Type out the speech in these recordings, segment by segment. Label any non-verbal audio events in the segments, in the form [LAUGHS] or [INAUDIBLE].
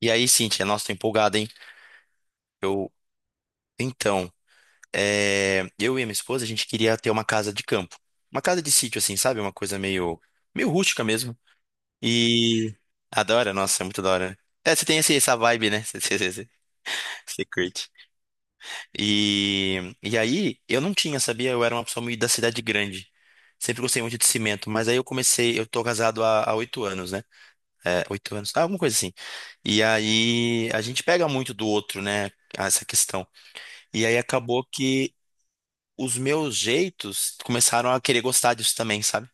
E aí, Cíntia, nossa, tô empolgado, hein? Eu, então, é, eu e a minha esposa, a gente queria ter uma casa de campo. Uma casa de sítio, assim, sabe? Uma coisa meio rústica mesmo. E adora, nossa, é muito da hora. É, você tem esse, essa vibe, né? [LAUGHS] Você curte. E aí, eu não tinha, sabia? Eu era uma pessoa muito da cidade grande. Sempre gostei muito de cimento, mas aí eu comecei, eu tô casado há 8 anos, né? É, 8 anos, alguma coisa assim. E aí, a gente pega muito do outro, né? Essa questão. E aí acabou que os meus jeitos começaram a querer gostar disso também, sabe?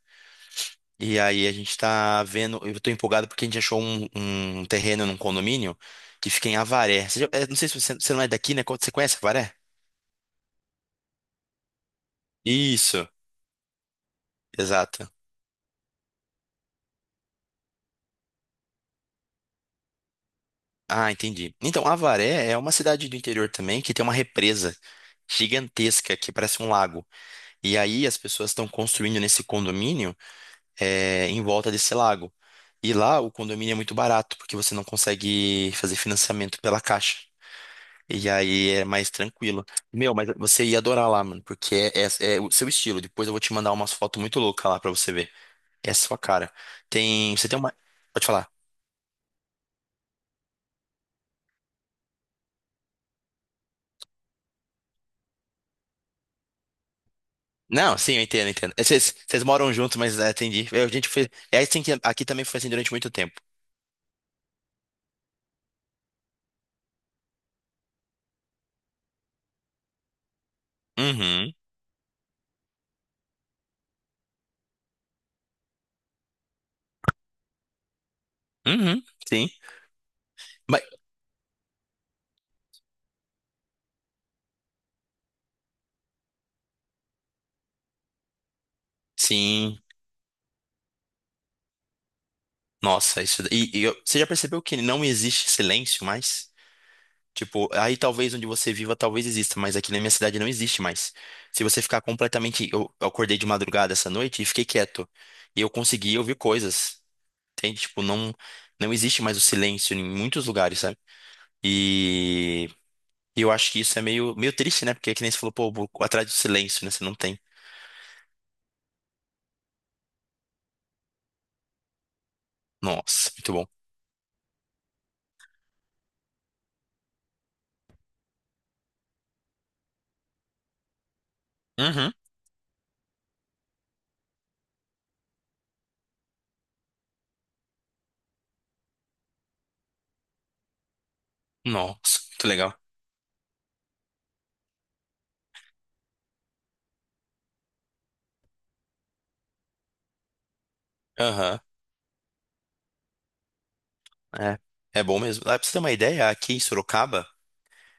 E aí a gente tá vendo, eu tô empolgado porque a gente achou um terreno num condomínio que fica em Avaré. Não sei se você não é daqui, né? Você conhece Avaré? Isso, exato. Ah, entendi. Então, Avaré é uma cidade do interior também que tem uma represa gigantesca que parece um lago. E aí as pessoas estão construindo nesse condomínio em volta desse lago. E lá o condomínio é muito barato, porque você não consegue fazer financiamento pela Caixa. E aí é mais tranquilo. Meu, mas você ia adorar lá, mano, porque é o seu estilo. Depois eu vou te mandar umas fotos muito loucas lá pra você ver. É a sua cara. Tem. Você tem uma. Pode falar. Não, sim, eu entendo, eu entendo. É, vocês moram juntos, mas é, entendi. É, a gente foi. É assim que aqui também foi assim durante muito tempo. Uhum. Uhum. Sim. Mas, sim. Nossa, isso. E você já percebeu que não existe silêncio mais? Tipo, aí talvez onde você viva, talvez exista, mas aqui na minha cidade não existe mais. Se você ficar completamente. Eu acordei de madrugada essa noite e fiquei quieto. E eu consegui ouvir coisas. Entende? Tipo, não existe mais o silêncio em muitos lugares, sabe? E e eu acho que isso é meio triste, né? Porque é que nem você falou, pô, vou atrás do silêncio, né? Você não tem. Nossa, muito bom. Uhum. Nossa, muito legal. Aham, é. É bom mesmo. Ah, pra você ter uma ideia, aqui em Sorocaba,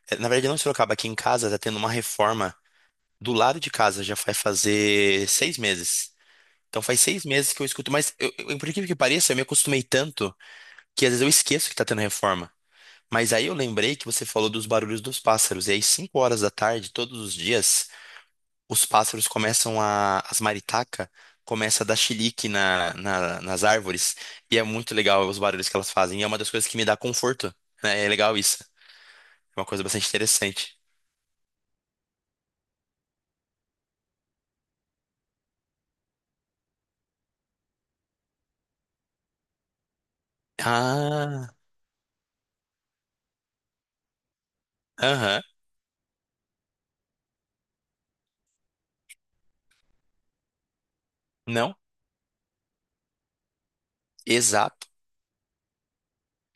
na verdade não em Sorocaba, aqui em casa tá tendo uma reforma do lado de casa já vai fazer 6 meses. Então faz 6 meses que eu escuto, mas por incrível que pareça, eu me acostumei tanto que às vezes eu esqueço que tá tendo reforma. Mas aí eu lembrei que você falou dos barulhos dos pássaros, e aí 5 horas da tarde, todos os dias, os pássaros as maritacas começa a dar chilique nas árvores, e é muito legal os barulhos que elas fazem, e é uma das coisas que me dá conforto, né? É legal isso, é uma coisa bastante interessante. Ah, aham, não, exato.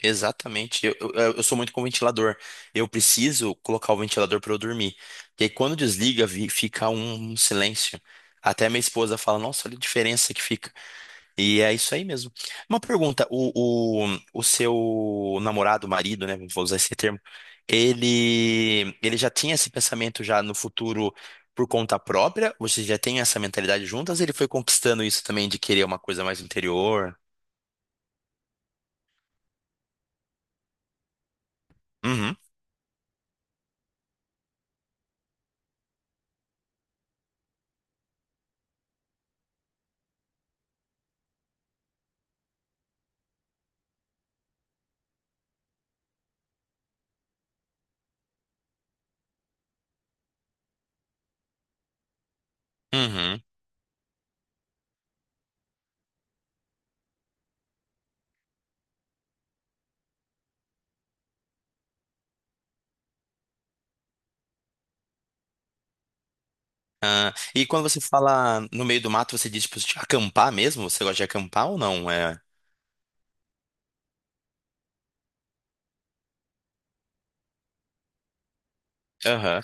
Exatamente. Eu sou muito com ventilador. Eu preciso colocar o ventilador para eu dormir. E aí, quando desliga, fica um silêncio. Até minha esposa fala, nossa, olha a diferença que fica. E é isso aí mesmo. Uma pergunta, o seu namorado, marido, né? Vou usar esse termo. Ele já tinha esse pensamento já no futuro por conta própria? Vocês já têm essa mentalidade juntas? Ele foi conquistando isso também de querer uma coisa mais interior? Uhum. Uhum. Ah, e quando você fala no meio do mato, você diz, tipo, de acampar mesmo? Você gosta de acampar ou não? É. Aham.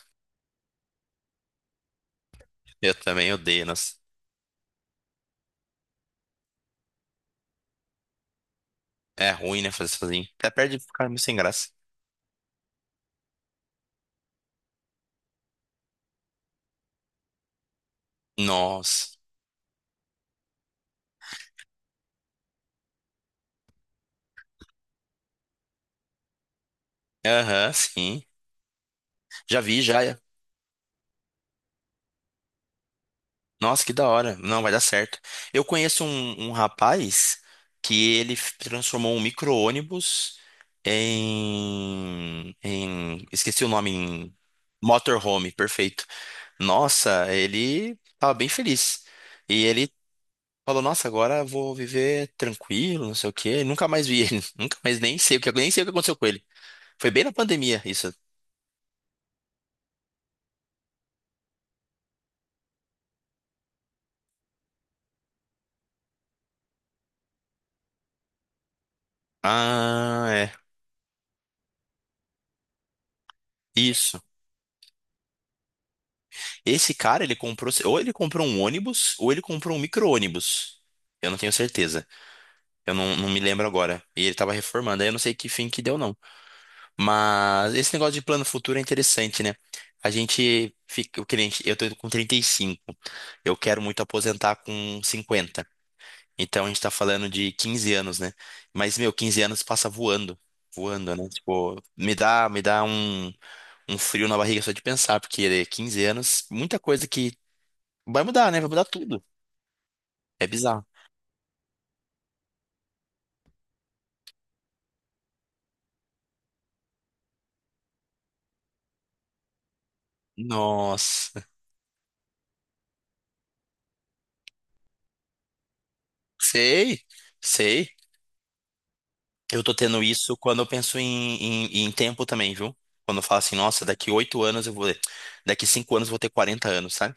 Eu também odeio, nossa. É ruim, né, fazer sozinho. Até perde de ficar meio sem graça. Nossa. Aham, sim. Já vi, já. Nossa, que da hora. Não, vai dar certo. Eu conheço um rapaz que ele transformou um micro-ônibus Esqueci o nome, em motorhome, perfeito. Nossa, ele tava bem feliz. E ele falou, nossa, agora eu vou viver tranquilo, não sei o quê. Nunca mais vi ele. [LAUGHS] Nunca mais nem sei o que, nem sei o que aconteceu com ele. Foi bem na pandemia, isso. Ah, é. Isso. Esse cara, ele comprou, ou ele comprou um ônibus, ou ele comprou um micro-ônibus. Eu não tenho certeza. Eu não me lembro agora. E ele tava reformando, aí eu não sei que fim que deu, não. Mas esse negócio de plano futuro é interessante, né? A gente fica, o cliente, eu tô com 35. Eu quero muito aposentar com 50. Então a gente tá falando de 15 anos, né? Mas, meu, 15 anos passa voando, voando, né? Tipo, me dá um frio na barriga só de pensar, porque é 15 anos, muita coisa que vai mudar, né? Vai mudar tudo. É bizarro. Nossa, sei, sei. Eu tô tendo isso quando eu penso em tempo também, viu? Quando eu falo assim, nossa, daqui 8 anos eu vou. Daqui 5 anos eu vou ter 40 anos, sabe?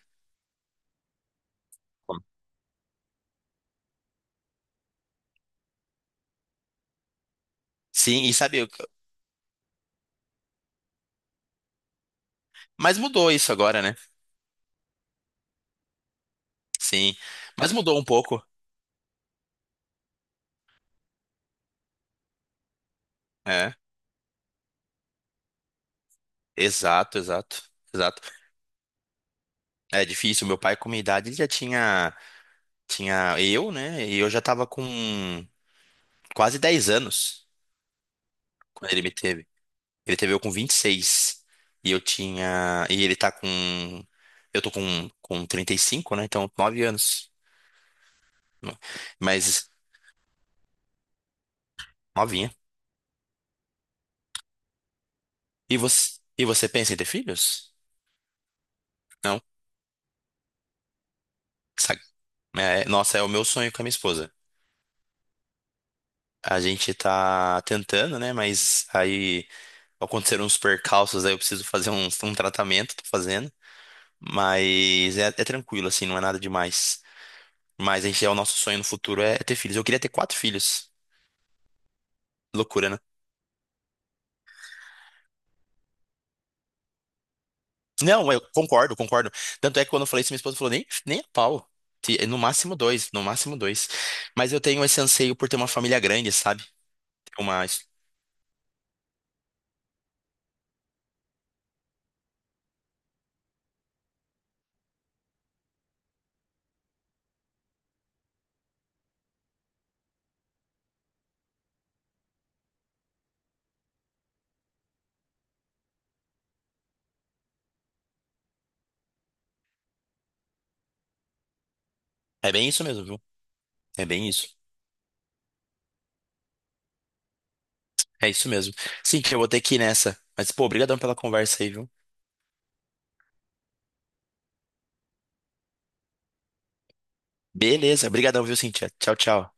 Sim, e sabe, mas mudou isso agora, né? Sim, mas mudou um pouco. É. Exato, exato, exato. É difícil. Meu pai, com minha idade, ele já tinha eu, né? E eu já tava com quase 10 anos quando ele me teve. Ele teve eu com 26 e eu tinha. E ele tá com. Eu tô com 35, né? Então, 9 anos. Mas, novinha. E você pensa em ter filhos? Não. Sabe? É, nossa, é o meu sonho com a minha esposa. A gente tá tentando, né? Mas aí. Aconteceram uns percalços, aí eu preciso fazer um tratamento, tô fazendo. Mas é tranquilo, assim, não é nada demais. Mas a gente, é o nosso sonho no futuro é ter filhos. Eu queria ter quatro filhos. Loucura, né? Não, eu concordo, concordo. Tanto é que quando eu falei isso, minha esposa falou, nem, nem a pau. No máximo dois, no máximo dois. Mas eu tenho esse anseio por ter uma família grande, sabe? Ter uma... É bem isso mesmo, viu? É bem isso. É isso mesmo. Sim, que eu vou ter que ir nessa. Mas, pô, obrigadão pela conversa aí, viu? Beleza, obrigadão, viu, Cintia? Tchau, tchau.